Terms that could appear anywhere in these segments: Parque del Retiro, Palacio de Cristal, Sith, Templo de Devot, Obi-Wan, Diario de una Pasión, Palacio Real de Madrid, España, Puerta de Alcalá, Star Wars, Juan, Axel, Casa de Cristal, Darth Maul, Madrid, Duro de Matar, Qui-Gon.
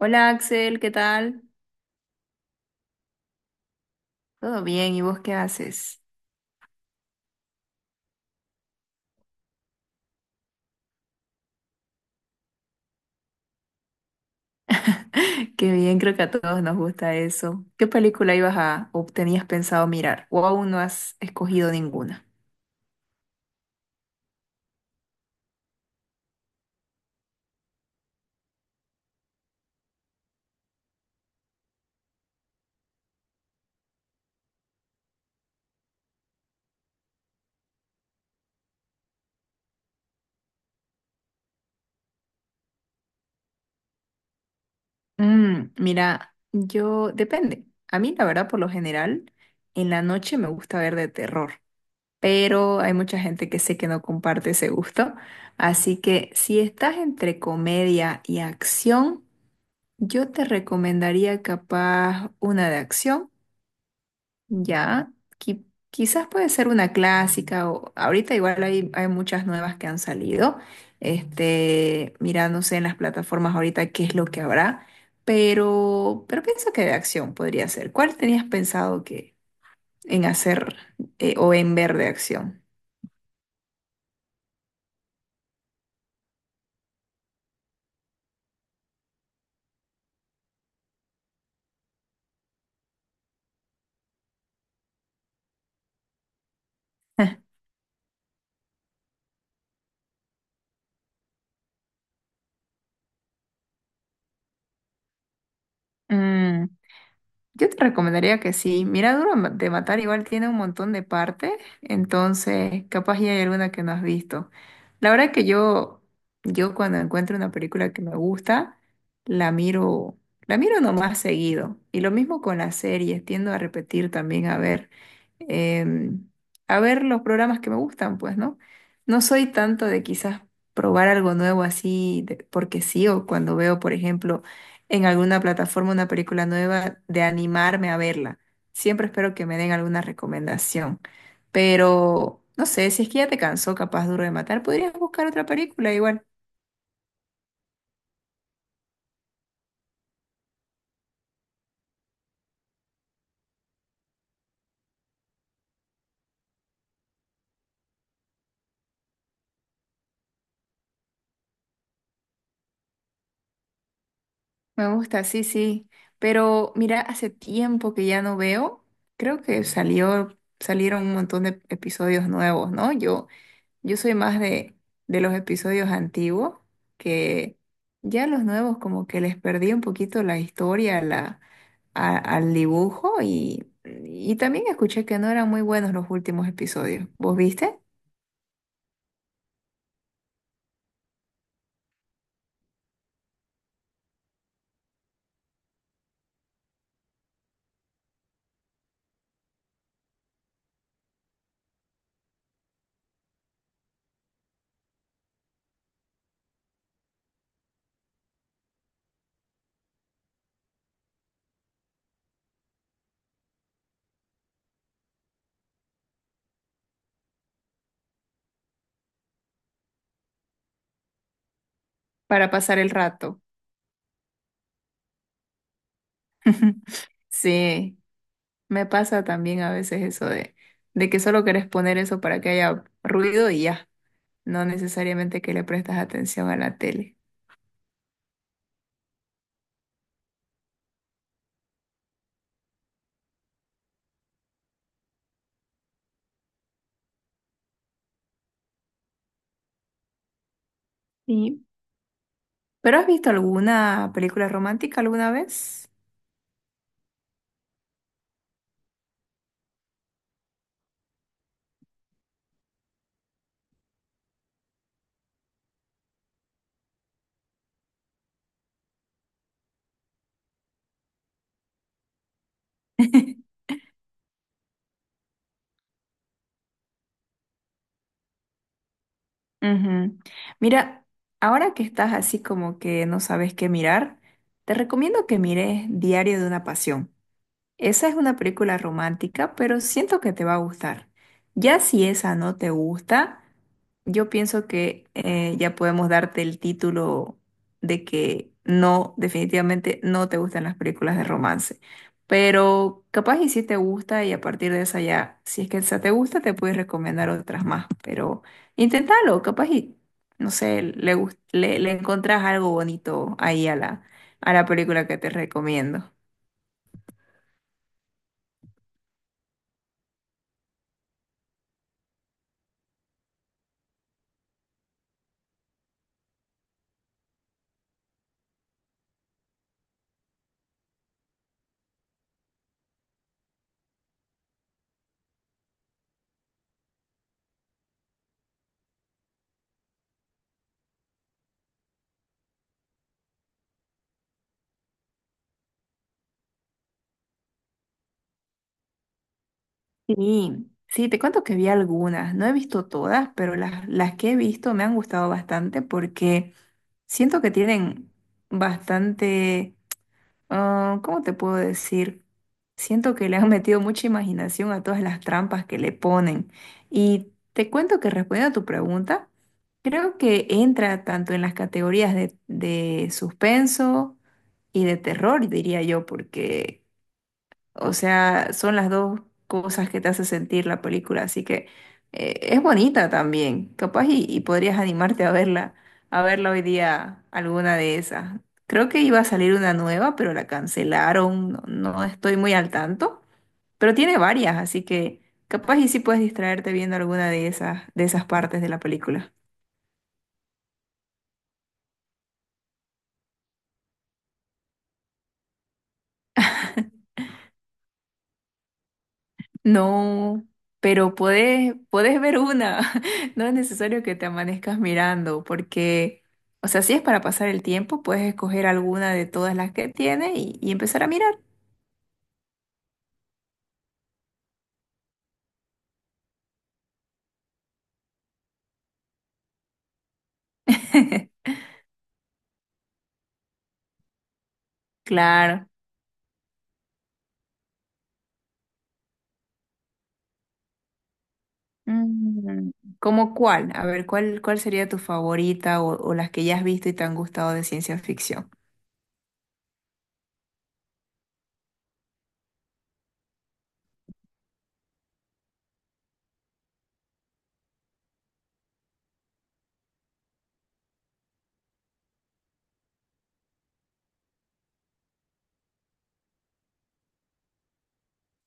Hola Axel, ¿qué tal? ¿Todo bien? ¿Y vos qué haces? Qué bien, creo que a todos nos gusta eso. ¿Qué película ibas a o tenías pensado mirar? ¿O aún no has escogido ninguna? Mira, yo depende. A mí, la verdad, por lo general, en la noche me gusta ver de terror, pero hay mucha gente que sé que no comparte ese gusto. Así que si estás entre comedia y acción, yo te recomendaría capaz una de acción. Ya, qui- quizás puede ser una clásica o ahorita igual hay muchas nuevas que han salido. Este, mira, no sé en las plataformas ahorita qué es lo que habrá, pero pienso que de acción podría ser. ¿Cuál tenías pensado que en hacer o en ver de acción? Mm. Yo te recomendaría que sí. Mira, Duro de Matar igual tiene un montón de partes, entonces capaz ya hay alguna que no has visto. La verdad que yo cuando encuentro una película que me gusta, la miro, la miro nomás seguido. Y lo mismo con las series, tiendo a repetir también em, a ver los programas que me gustan, pues, ¿no? No soy tanto de quizás probar algo nuevo así, porque sí, o cuando veo, por ejemplo, en alguna plataforma una película nueva de animarme a verla. Siempre espero que me den alguna recomendación. Pero no sé, si es que ya te cansó, capaz Duro de Matar, podrías buscar otra película igual. Me gusta, sí, sí. Pero mira, hace tiempo que ya no veo. Creo que salió, salieron un montón de episodios nuevos, ¿no? Yo soy más de los episodios antiguos, que ya los nuevos como que les perdí un poquito la historia, al dibujo y también escuché que no eran muy buenos los últimos episodios. ¿Vos viste? Para pasar el rato. Sí, me pasa también a veces eso de que solo querés poner eso para que haya ruido y ya, no necesariamente que le prestas atención a la tele. Sí. ¿Pero has visto alguna película romántica alguna vez? Ujú. Mira, ahora que estás así como que no sabes qué mirar, te recomiendo que mires Diario de una Pasión. Esa es una película romántica, pero siento que te va a gustar. Ya si esa no te gusta, yo pienso que ya podemos darte el título de que no, definitivamente no te gustan las películas de romance. Pero capaz y si te gusta y a partir de esa ya, si es que esa te gusta, te puedes recomendar otras más. Pero inténtalo, capaz y, no sé, le encontrás algo bonito ahí a la película que te recomiendo. Sí, sí, te cuento que vi algunas, no he visto todas, pero las que he visto me han gustado bastante porque siento que tienen bastante, ¿cómo te puedo decir? Siento que le han metido mucha imaginación a todas las trampas que le ponen. Y te cuento que respondiendo a tu pregunta, creo que entra tanto en las categorías de suspenso y de terror, diría yo, porque. O sea, son las dos cosas que te hace sentir la película, así que es bonita también, capaz y podrías animarte a verla hoy día alguna de esas. Creo que iba a salir una nueva, pero la cancelaron, no, no estoy muy al tanto, pero tiene varias, así que capaz y sí puedes distraerte viendo alguna de esas partes de la película. No, pero puedes ver una. No es necesario que te amanezcas mirando, porque, o sea, si es para pasar el tiempo, puedes escoger alguna de todas las que tiene y empezar a mirar. Claro. Mm, ¿Cómo cuál? A ver, ¿cuál sería tu favorita o las que ya has visto y te han gustado de ciencia ficción?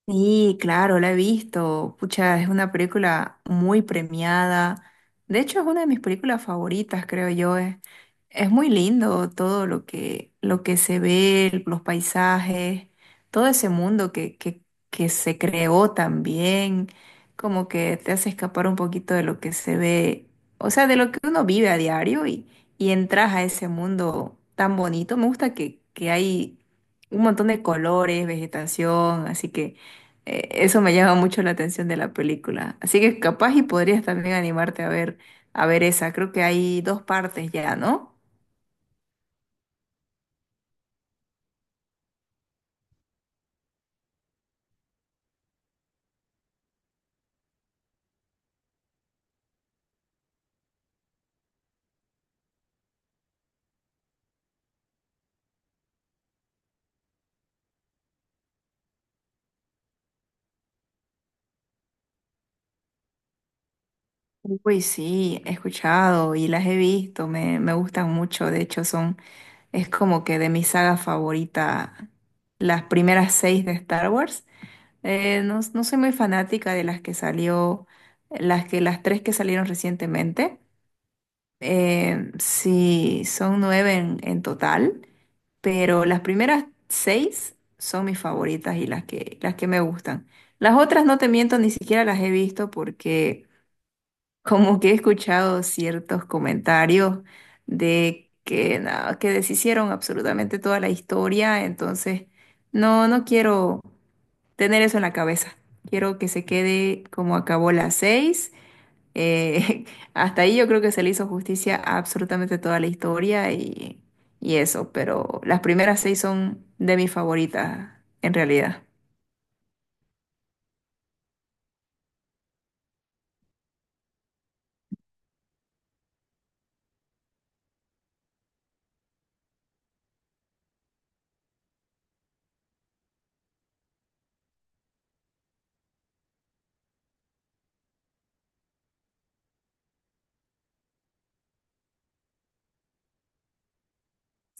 Sí, claro, la he visto. Pucha, es una película muy premiada. De hecho, es una de mis películas favoritas, creo yo. Es muy lindo todo lo que, se ve, los paisajes, todo ese mundo que se creó también, como que te hace escapar un poquito de lo que se ve, o sea, de lo que uno vive a diario y entras a ese mundo tan bonito. Me gusta que hay un montón de colores, vegetación, así que. Eso me llama mucho la atención de la película. Así que capaz y podrías también animarte a ver esa. Creo que hay dos partes ya, ¿no? Uy, sí, he escuchado y las he visto, me gustan mucho. De hecho, son, es como que de mi saga favorita, las primeras seis de Star Wars. No, no soy muy fanática de las que salió, las que, las tres que salieron recientemente. Sí, son nueve en total, pero las primeras seis son mis favoritas y las que me gustan. Las otras no te miento, ni siquiera las he visto porque como que he escuchado ciertos comentarios de que, nada, que deshicieron absolutamente toda la historia, entonces no, no quiero tener eso en la cabeza. Quiero que se quede como acabó las seis, eh, hasta ahí yo creo que se le hizo justicia a absolutamente toda la historia y eso, pero las primeras seis son de mis favoritas, en realidad.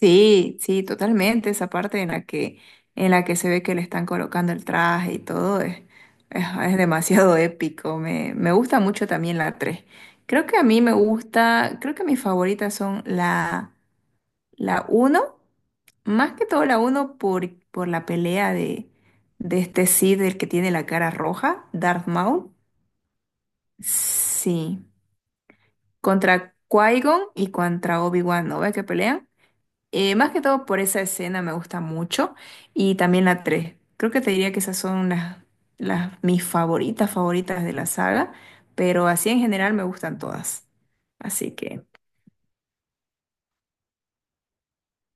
Sí, sí, totalmente. Esa parte en la que, se ve que le están colocando el traje y todo es, es demasiado épico. Me gusta mucho también la tres. Creo que a mí me gusta, creo que mis favoritas son la uno, más que todo la uno por la pelea de este Sith, el que tiene la cara roja, Darth Maul. Sí, contra Qui-Gon y contra Obi-Wan, ¿no? ¿Ves que pelean? Más que todo por esa escena me gusta mucho. Y también la tres. Creo que te diría que esas son las mis favoritas, favoritas de la saga. Pero así en general me gustan todas. Así que.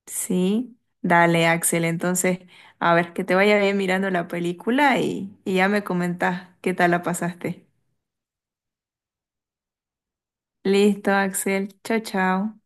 Sí, dale, Axel. Entonces, a ver, que te vaya bien mirando la película y ya me comentas qué tal la pasaste. Listo, Axel. Chao, chao.